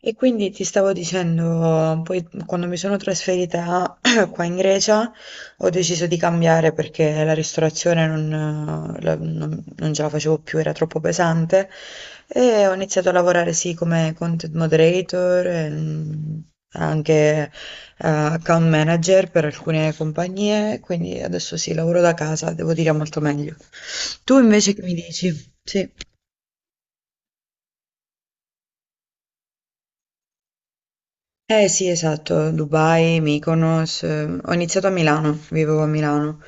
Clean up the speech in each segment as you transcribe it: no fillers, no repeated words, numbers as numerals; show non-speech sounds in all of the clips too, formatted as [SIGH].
E quindi ti stavo dicendo, poi quando mi sono trasferita [CLEARS THROAT] qua in Grecia ho deciso di cambiare perché la ristorazione non, non ce la facevo più, era troppo pesante e ho iniziato a lavorare sì come content moderator e anche account manager per alcune compagnie, quindi adesso sì, lavoro da casa, devo dire molto meglio. Tu invece che mi dici? Sì. Eh sì, esatto, Dubai, Mykonos, ho iniziato a Milano, vivevo a Milano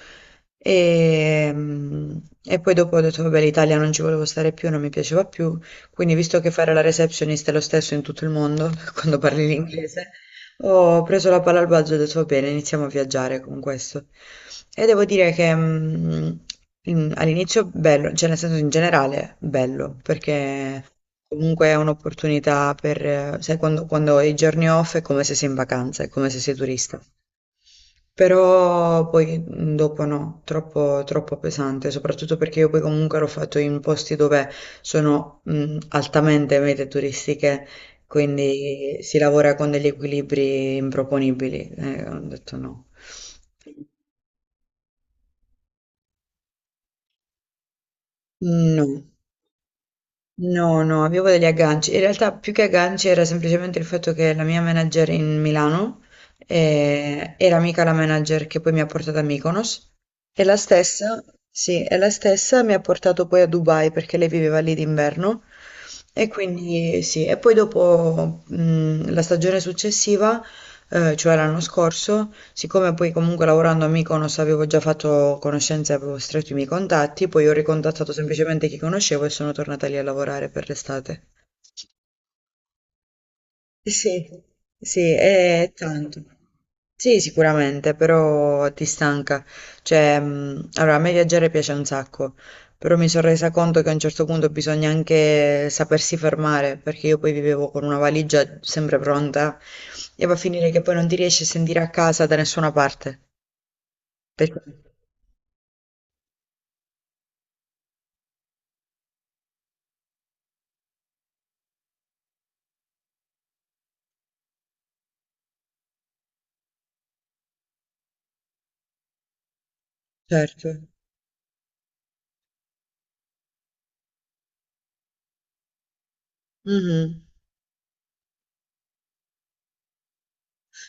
e, mm, e poi dopo ho detto vabbè l'Italia non ci volevo stare più, non mi piaceva più, quindi visto che fare la receptionist è lo stesso in tutto il mondo [LAUGHS] quando parli l'inglese, oh, ho preso la palla al balzo e ho detto va bene, iniziamo a viaggiare con questo. E devo dire che all'inizio bello, cioè nel senso in generale bello, perché comunque è un'opportunità per, sai, quando hai i giorni off è come se sei in vacanza, è come se sei turista. Però poi dopo no, troppo, troppo pesante, soprattutto perché io poi comunque l'ho fatto in posti dove sono altamente mete turistiche quindi si lavora con degli equilibri improponibili. Ho detto no. No, no, no, avevo degli agganci. In realtà più che agganci era semplicemente il fatto che la mia manager in Milano era amica la manager che poi mi ha portato a Mykonos e la stessa, sì, e la stessa mi ha portato poi a Dubai perché lei viveva lì d'inverno e quindi sì, e poi dopo la stagione successiva, cioè l'anno scorso, siccome poi comunque lavorando a Mykonos avevo già fatto conoscenze, avevo stretto i miei contatti, poi ho ricontattato semplicemente chi conoscevo e sono tornata lì a lavorare per l'estate. Sì, sì, è tanto. Sì, sicuramente, però ti stanca. Cioè, allora, a me viaggiare piace un sacco, però mi sono resa conto che a un certo punto bisogna anche sapersi fermare, perché io poi vivevo con una valigia sempre pronta e va a finire che poi non ti riesci a sentire a casa da nessuna parte. Perché? Certo. Mh-mh.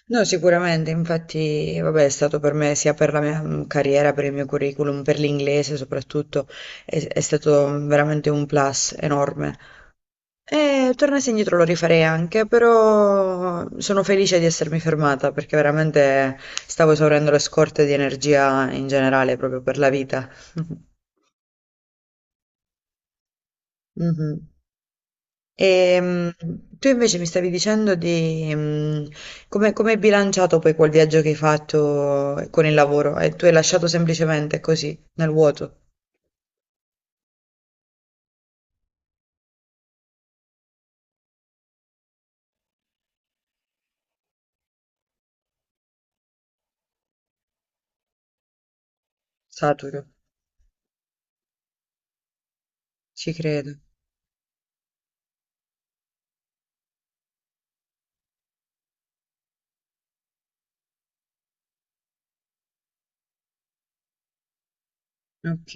No, sicuramente, infatti, vabbè, è stato per me sia per la mia, carriera, per il mio curriculum, per l'inglese soprattutto, è stato veramente un plus enorme. E tornassi indietro lo rifarei anche, però sono felice di essermi fermata perché veramente stavo esaurendo le scorte di energia in generale proprio per la vita. [LAUGHS] Mh-mh. Ehm, Tu invece mi stavi dicendo di come hai bilanciato poi quel viaggio che hai fatto con il lavoro e tu hai lasciato semplicemente così, nel vuoto, saturo, ci credo. Ok,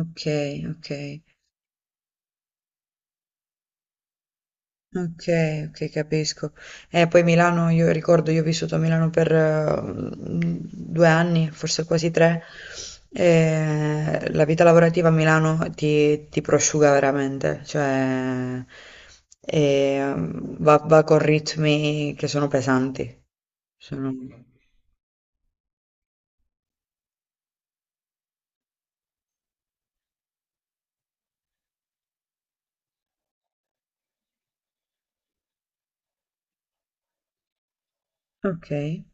ok, ok. Okay, okay, capisco. Poi Milano io ricordo, io ho vissuto a Milano per, 2 anni, forse quasi 3, e la vita lavorativa a Milano ti prosciuga veramente, cioè, va con ritmi che sono pesanti. Sono Okay,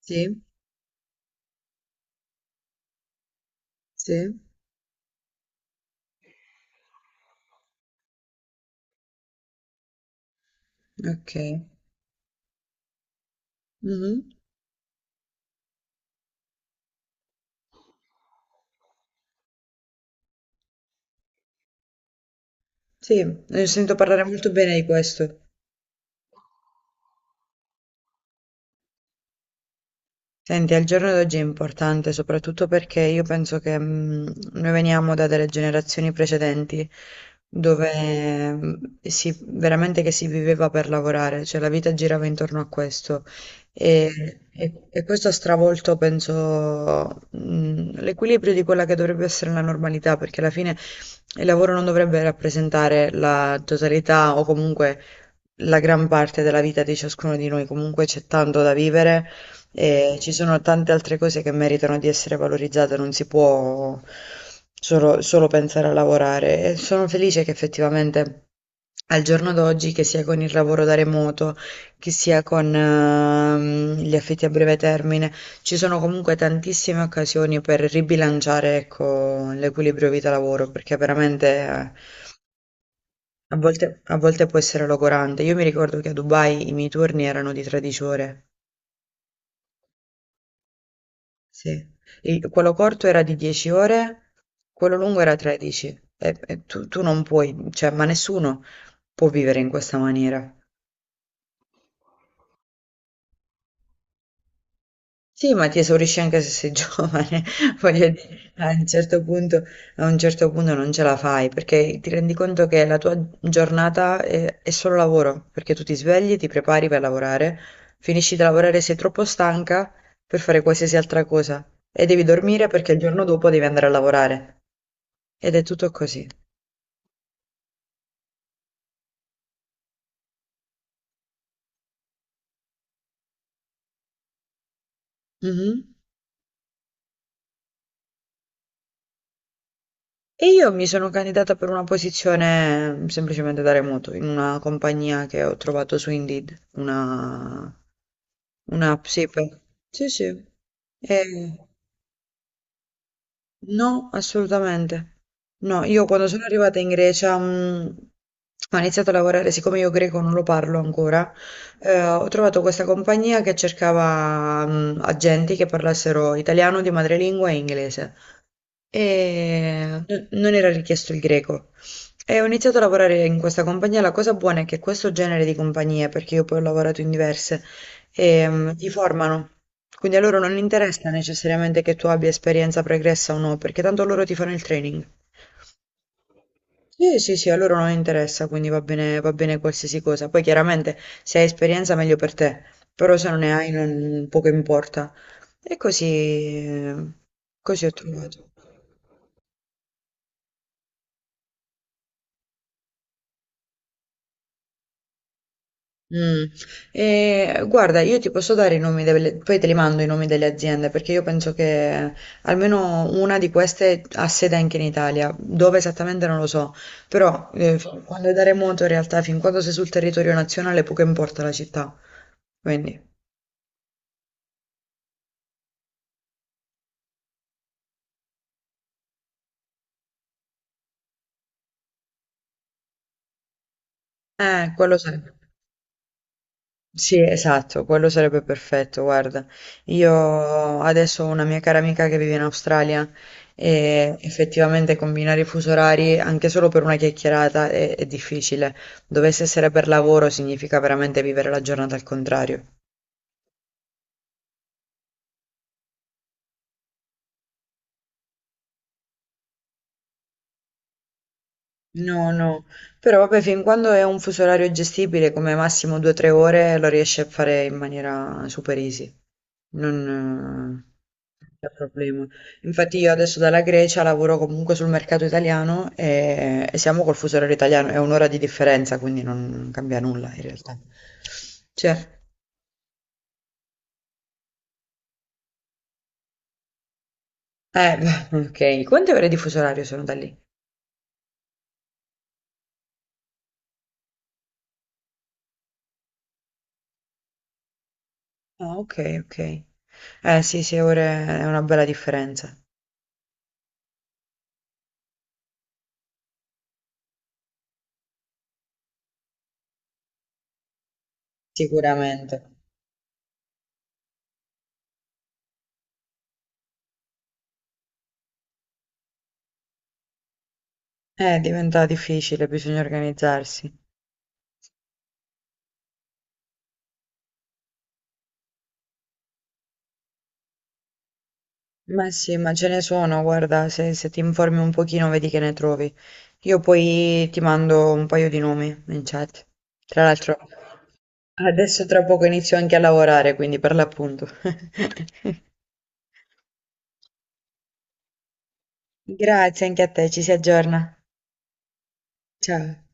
sì, sì, okay. Mh-mh. Sì, ne sento parlare molto bene di questo. Senti, al giorno d'oggi è importante soprattutto perché io penso che noi veniamo da delle generazioni precedenti dove si, veramente che si viveva per lavorare, cioè la vita girava intorno a questo e questo ha stravolto, penso, l'equilibrio di quella che dovrebbe essere la normalità, perché alla fine il lavoro non dovrebbe rappresentare la totalità o comunque la gran parte della vita di ciascuno di noi, comunque c'è tanto da vivere e ci sono tante altre cose che meritano di essere valorizzate, non si può solo, solo pensare a lavorare. E sono felice che effettivamente al giorno d'oggi, che sia con il lavoro da remoto, che sia con gli affitti a breve termine, ci sono comunque tantissime occasioni per ribilanciare, ecco, l'equilibrio vita-lavoro, perché veramente eh, a volte può essere logorante. Io mi ricordo che a Dubai i miei turni erano di 13 ore. Sì. Quello corto era di 10 ore, quello lungo era 13. E tu non puoi, cioè, ma nessuno può vivere in questa maniera. Sì, ma ti esaurisci anche se sei [LAUGHS] giovane, voglio dire, a un certo punto, a un certo punto non ce la fai, perché ti rendi conto che la tua giornata è solo lavoro, perché tu ti svegli, ti prepari per lavorare, finisci di lavorare, sei troppo stanca per fare qualsiasi altra cosa e devi dormire perché il giorno dopo devi andare a lavorare. Ed è tutto così. Mhm. E io mi sono candidata per una posizione semplicemente da remoto in una compagnia che ho trovato su Indeed, una Un'app, sì, per sì, sì. Ehm, no, assolutamente. No, io quando sono arrivata in Grecia, ho iniziato a lavorare, siccome io greco non lo parlo ancora, ho trovato questa compagnia che cercava, agenti che parlassero italiano di madrelingua e inglese e non era richiesto il greco. E ho iniziato a lavorare in questa compagnia. La cosa buona è che questo genere di compagnie, perché io poi ho lavorato in diverse, ti formano. Quindi a loro non interessa necessariamente che tu abbia esperienza pregressa o no, perché tanto loro ti fanno il training. Sì, sì, sì, a loro non interessa, quindi va bene qualsiasi cosa. Poi chiaramente se hai esperienza meglio per te, però se non ne hai non, poco importa. E così ho trovato. Mm. E, guarda, io ti posso dare poi te li mando i nomi delle aziende perché io penso che almeno una di queste ha sede anche in Italia, dove esattamente non lo so, però quando è da remoto in realtà fin quando sei sul territorio nazionale poco importa la città, quindi quello sai. Sì, esatto, quello sarebbe perfetto. Guarda, io adesso ho una mia cara amica che vive in Australia e effettivamente combinare i fusi orari anche solo per una chiacchierata è difficile. Dovesse essere per lavoro significa veramente vivere la giornata al contrario. No, no, però vabbè, fin quando è un fuso orario gestibile, come massimo 2 tre ore, lo riesce a fare in maniera super easy. Non c'è problema. Infatti io adesso dalla Grecia lavoro comunque sul mercato italiano e siamo col fuso orario italiano, è un'ora di differenza, quindi non cambia nulla in realtà. Cioè, eh, [LAUGHS] beh, ok, quante ore di fuso orario sono da lì? Ah, ok, ok. Eh sì, sì, ore è una bella differenza. Sicuramente. Diventa difficile, bisogna organizzarsi. Ma sì, ma ce ne sono, guarda, se ti informi un pochino vedi che ne trovi. Io poi ti mando un paio di nomi in chat. Tra l'altro, adesso tra poco inizio anche a lavorare, quindi per l'appunto. [LAUGHS] Grazie anche a te, ci si aggiorna. Ciao.